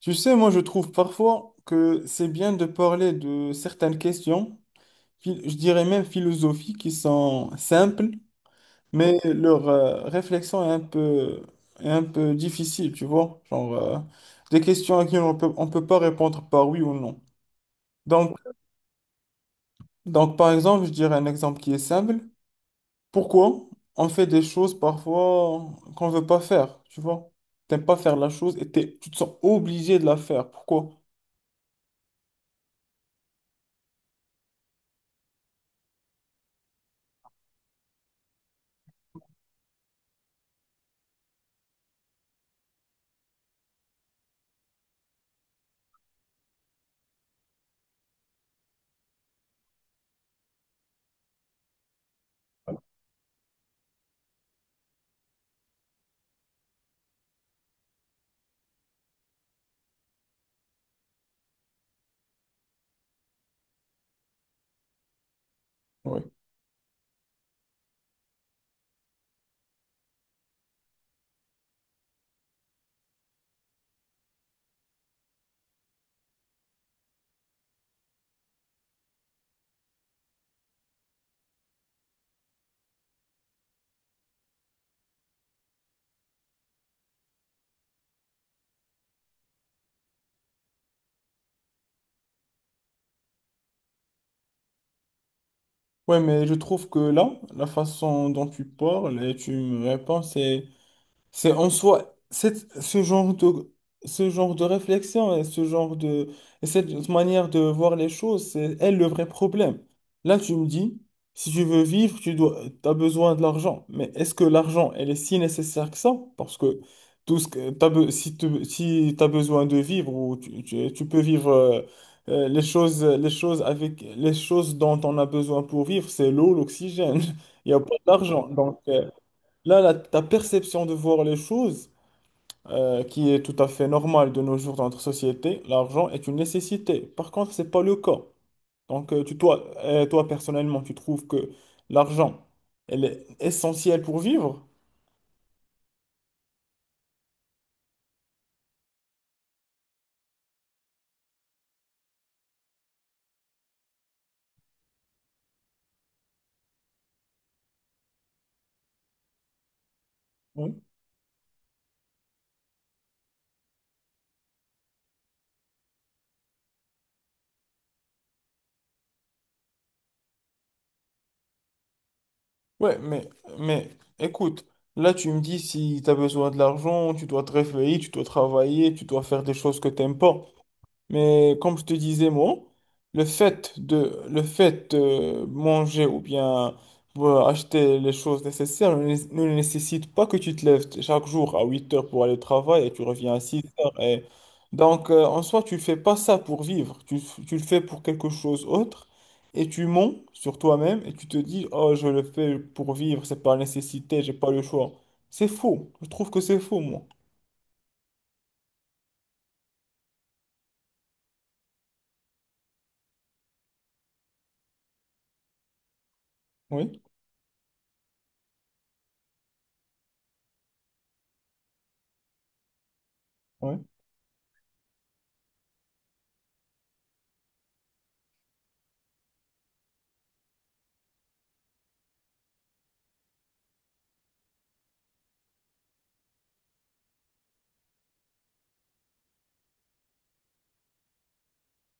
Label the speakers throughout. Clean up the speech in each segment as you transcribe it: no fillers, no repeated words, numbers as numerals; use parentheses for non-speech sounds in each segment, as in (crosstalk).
Speaker 1: Tu sais, moi je trouve parfois que c'est bien de parler de certaines questions, je dirais même philosophiques, qui sont simples, mais leur réflexion est un peu difficile, tu vois. Genre, des questions à qui on peut pas répondre par oui ou non. Donc, donc, par exemple, je dirais un exemple qui est simple. Pourquoi on fait des choses parfois qu'on veut pas faire, tu vois? T'aimes pas faire la chose et tu te sens obligé de la faire. Pourquoi? Oui. Ouais, mais je trouve que là, la façon dont tu parles et tu me réponds, c'est en soi, ce genre de réflexion et ce genre de, et cette manière de voir les choses, c'est elle le vrai problème. Là, tu me dis, si tu veux vivre, tu dois, as besoin de l'argent. Mais est-ce que l'argent, elle est si nécessaire que ça? Parce que tout ce que si tu si t'as besoin de vivre ou tu peux vivre les choses avec les choses dont on a besoin pour vivre, c'est l'eau, l'oxygène. (laughs) Il n'y a pas d'argent. Donc, là, ta perception de voir les choses, qui est tout à fait normale de nos jours dans notre société, l'argent est une nécessité. Par contre, c'est pas le cas. Donc, tu, toi, toi, personnellement, tu trouves que l'argent, elle est essentielle pour vivre? Oui. Ouais, mais écoute, là, tu me dis si tu as besoin de l'argent, tu dois te réveiller, tu dois travailler, tu dois faire des choses que t'aimes pas. Mais comme je te disais, moi, le fait de manger ou bien acheter les choses nécessaires ne nécessite pas que tu te lèves chaque jour à 8 heures pour aller au travail et tu reviens à 6 heures. Et... Donc, en soi, tu fais pas ça pour vivre. Tu le fais pour quelque chose autre et tu mens sur toi-même et tu te dis, oh, je le fais pour vivre, c'est par nécessité, j'ai pas le choix. C'est faux. Je trouve que c'est faux, moi. Oui, oui,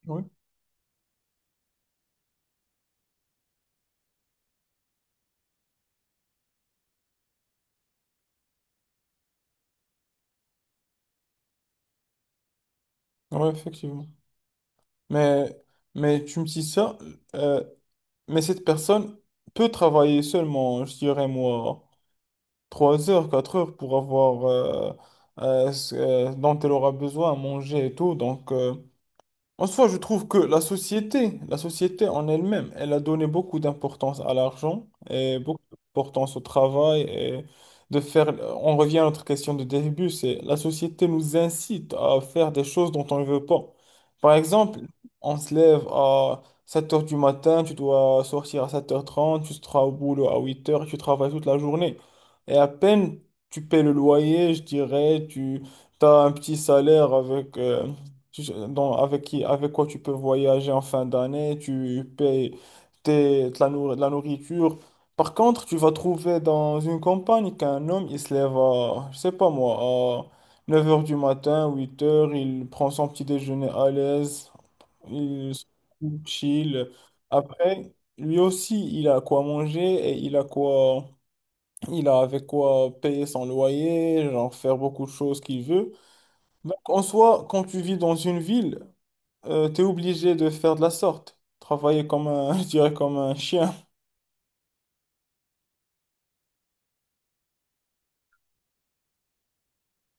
Speaker 1: oui, oui, effectivement. Mais, mais tu me dis ça, euh, mais cette personne peut travailler seulement, je dirais moi, 3 heures, 4 heures pour avoir ce dont elle aura besoin à manger et tout. Donc, en soi, je trouve que la société en elle-même, elle a donné beaucoup d'importance à l'argent et beaucoup d'importance au travail et de faire. On revient à notre question de début, c'est la société nous incite à faire des choses dont on ne veut pas. Par exemple, on se lève à 7 heures du matin, tu dois sortir à sept heures trente, tu seras au boulot à huit heures, tu travailles toute la journée. Et à peine tu paies le loyer, je dirais, tu as un petit salaire avec. Tu sais, donc, avec qui, avec quoi tu peux voyager en fin d'année, tu payes de la, de la nourriture. Par contre, tu vas trouver dans une campagne qu'un homme, il se lève à, je sais pas moi, à 9 h du matin, huit heures il prend son petit déjeuner à l'aise, il se chill. Après, lui aussi, il a quoi manger et il a quoi, il a avec quoi payer son loyer, genre faire beaucoup de choses qu'il veut. Donc, en soi, quand tu vis dans une ville, t'es obligé de faire de la sorte, travailler comme un, (laughs) je dirais comme un chien.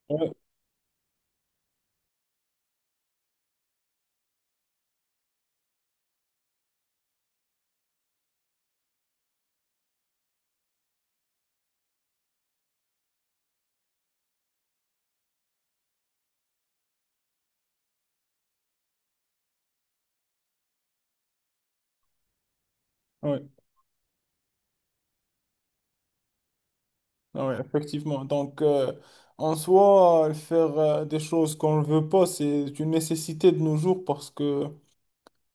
Speaker 1: Ouais, ouais, ouais, effectivement. Donc, en soi, faire des choses qu'on ne veut pas, c'est une nécessité de nos jours parce que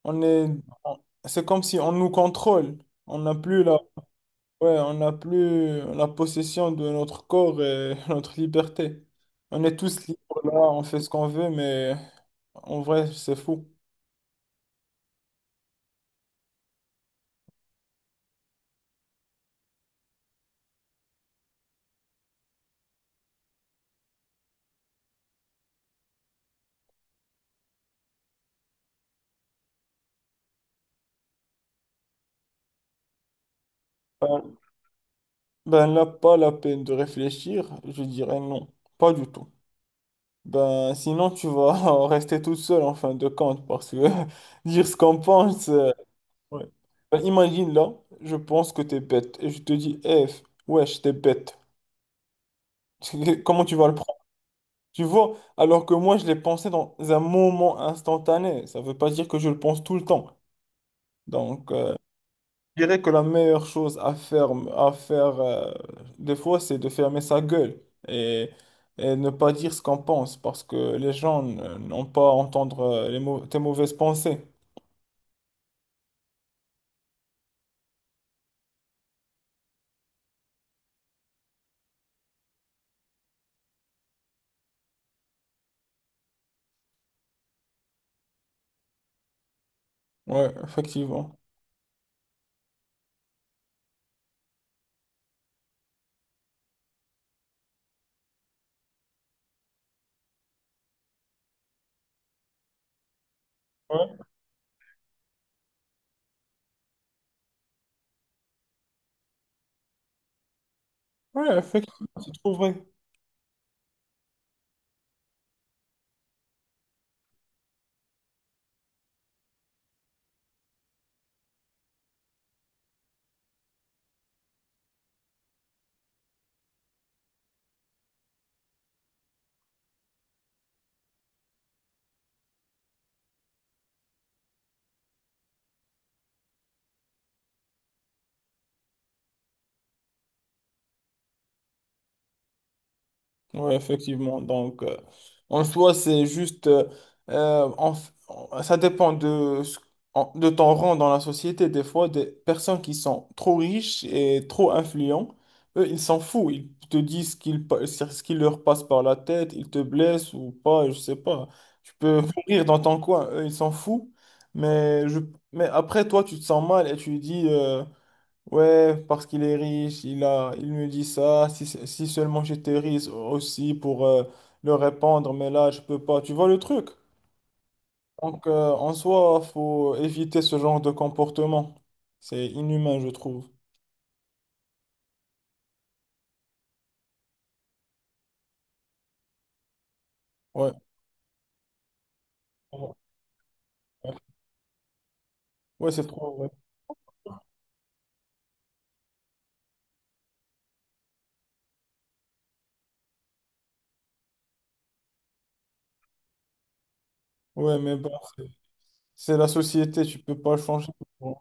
Speaker 1: on est, on- c'est comme si on nous contrôle. On n'a plus la, ouais, on n'a plus la possession de notre corps et (laughs) notre liberté. On est tous libres là, on fait ce qu'on veut, mais en vrai, c'est fou. Euh, Ben là, pas la peine de réfléchir, je dirais non, pas du tout. Ben sinon, tu vas (laughs) rester toute seule en fin de compte, parce que (laughs) dire ce qu'on pense. Ouais. Ben, imagine là, je pense que t'es bête, et je te dis, eh, wesh, t'es bête. (laughs) Comment tu vas le prendre? Tu vois, alors que moi, je l'ai pensé dans un moment instantané, ça veut pas dire que je le pense tout le temps. Donc. Je dirais que la meilleure chose à faire des fois, c'est de fermer sa gueule et, et ne pas dire ce qu'on pense parce que les gens n'ont pas à entendre tes mauvaises pensées. Ouais, effectivement. Ouais, ouais, effectivement, c'est trop vrai. Oui, effectivement. Donc, en soi, c'est juste, ça dépend de, de ton rang dans la société. Des fois, des personnes qui sont trop riches et trop influents, eux, ils s'en foutent. Ils te disent ce qui leur passe par la tête, ils te blessent ou pas, je sais pas. Tu peux (laughs) mourir dans ton coin, eux, ils s'en foutent. Mais, je, mais après, toi, tu te sens mal et tu dis... Ouais, parce qu'il est riche, il me dit ça. Si seulement j'étais riche aussi pour le répandre, mais là, je peux pas. Tu vois le truc? Donc, en soi, faut éviter ce genre de comportement. C'est inhumain, je trouve. Ouais, ouais, c'est trop vrai. Ouais, mais bon, c'est c'est la société, tu peux pas changer. Bon.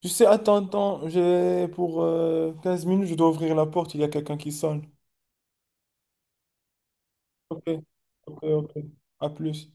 Speaker 1: Tu sais, attends, attends, j'ai pour 15 minutes, je dois ouvrir la porte, il y a quelqu'un qui sonne. Ok, ok, ok. À plus.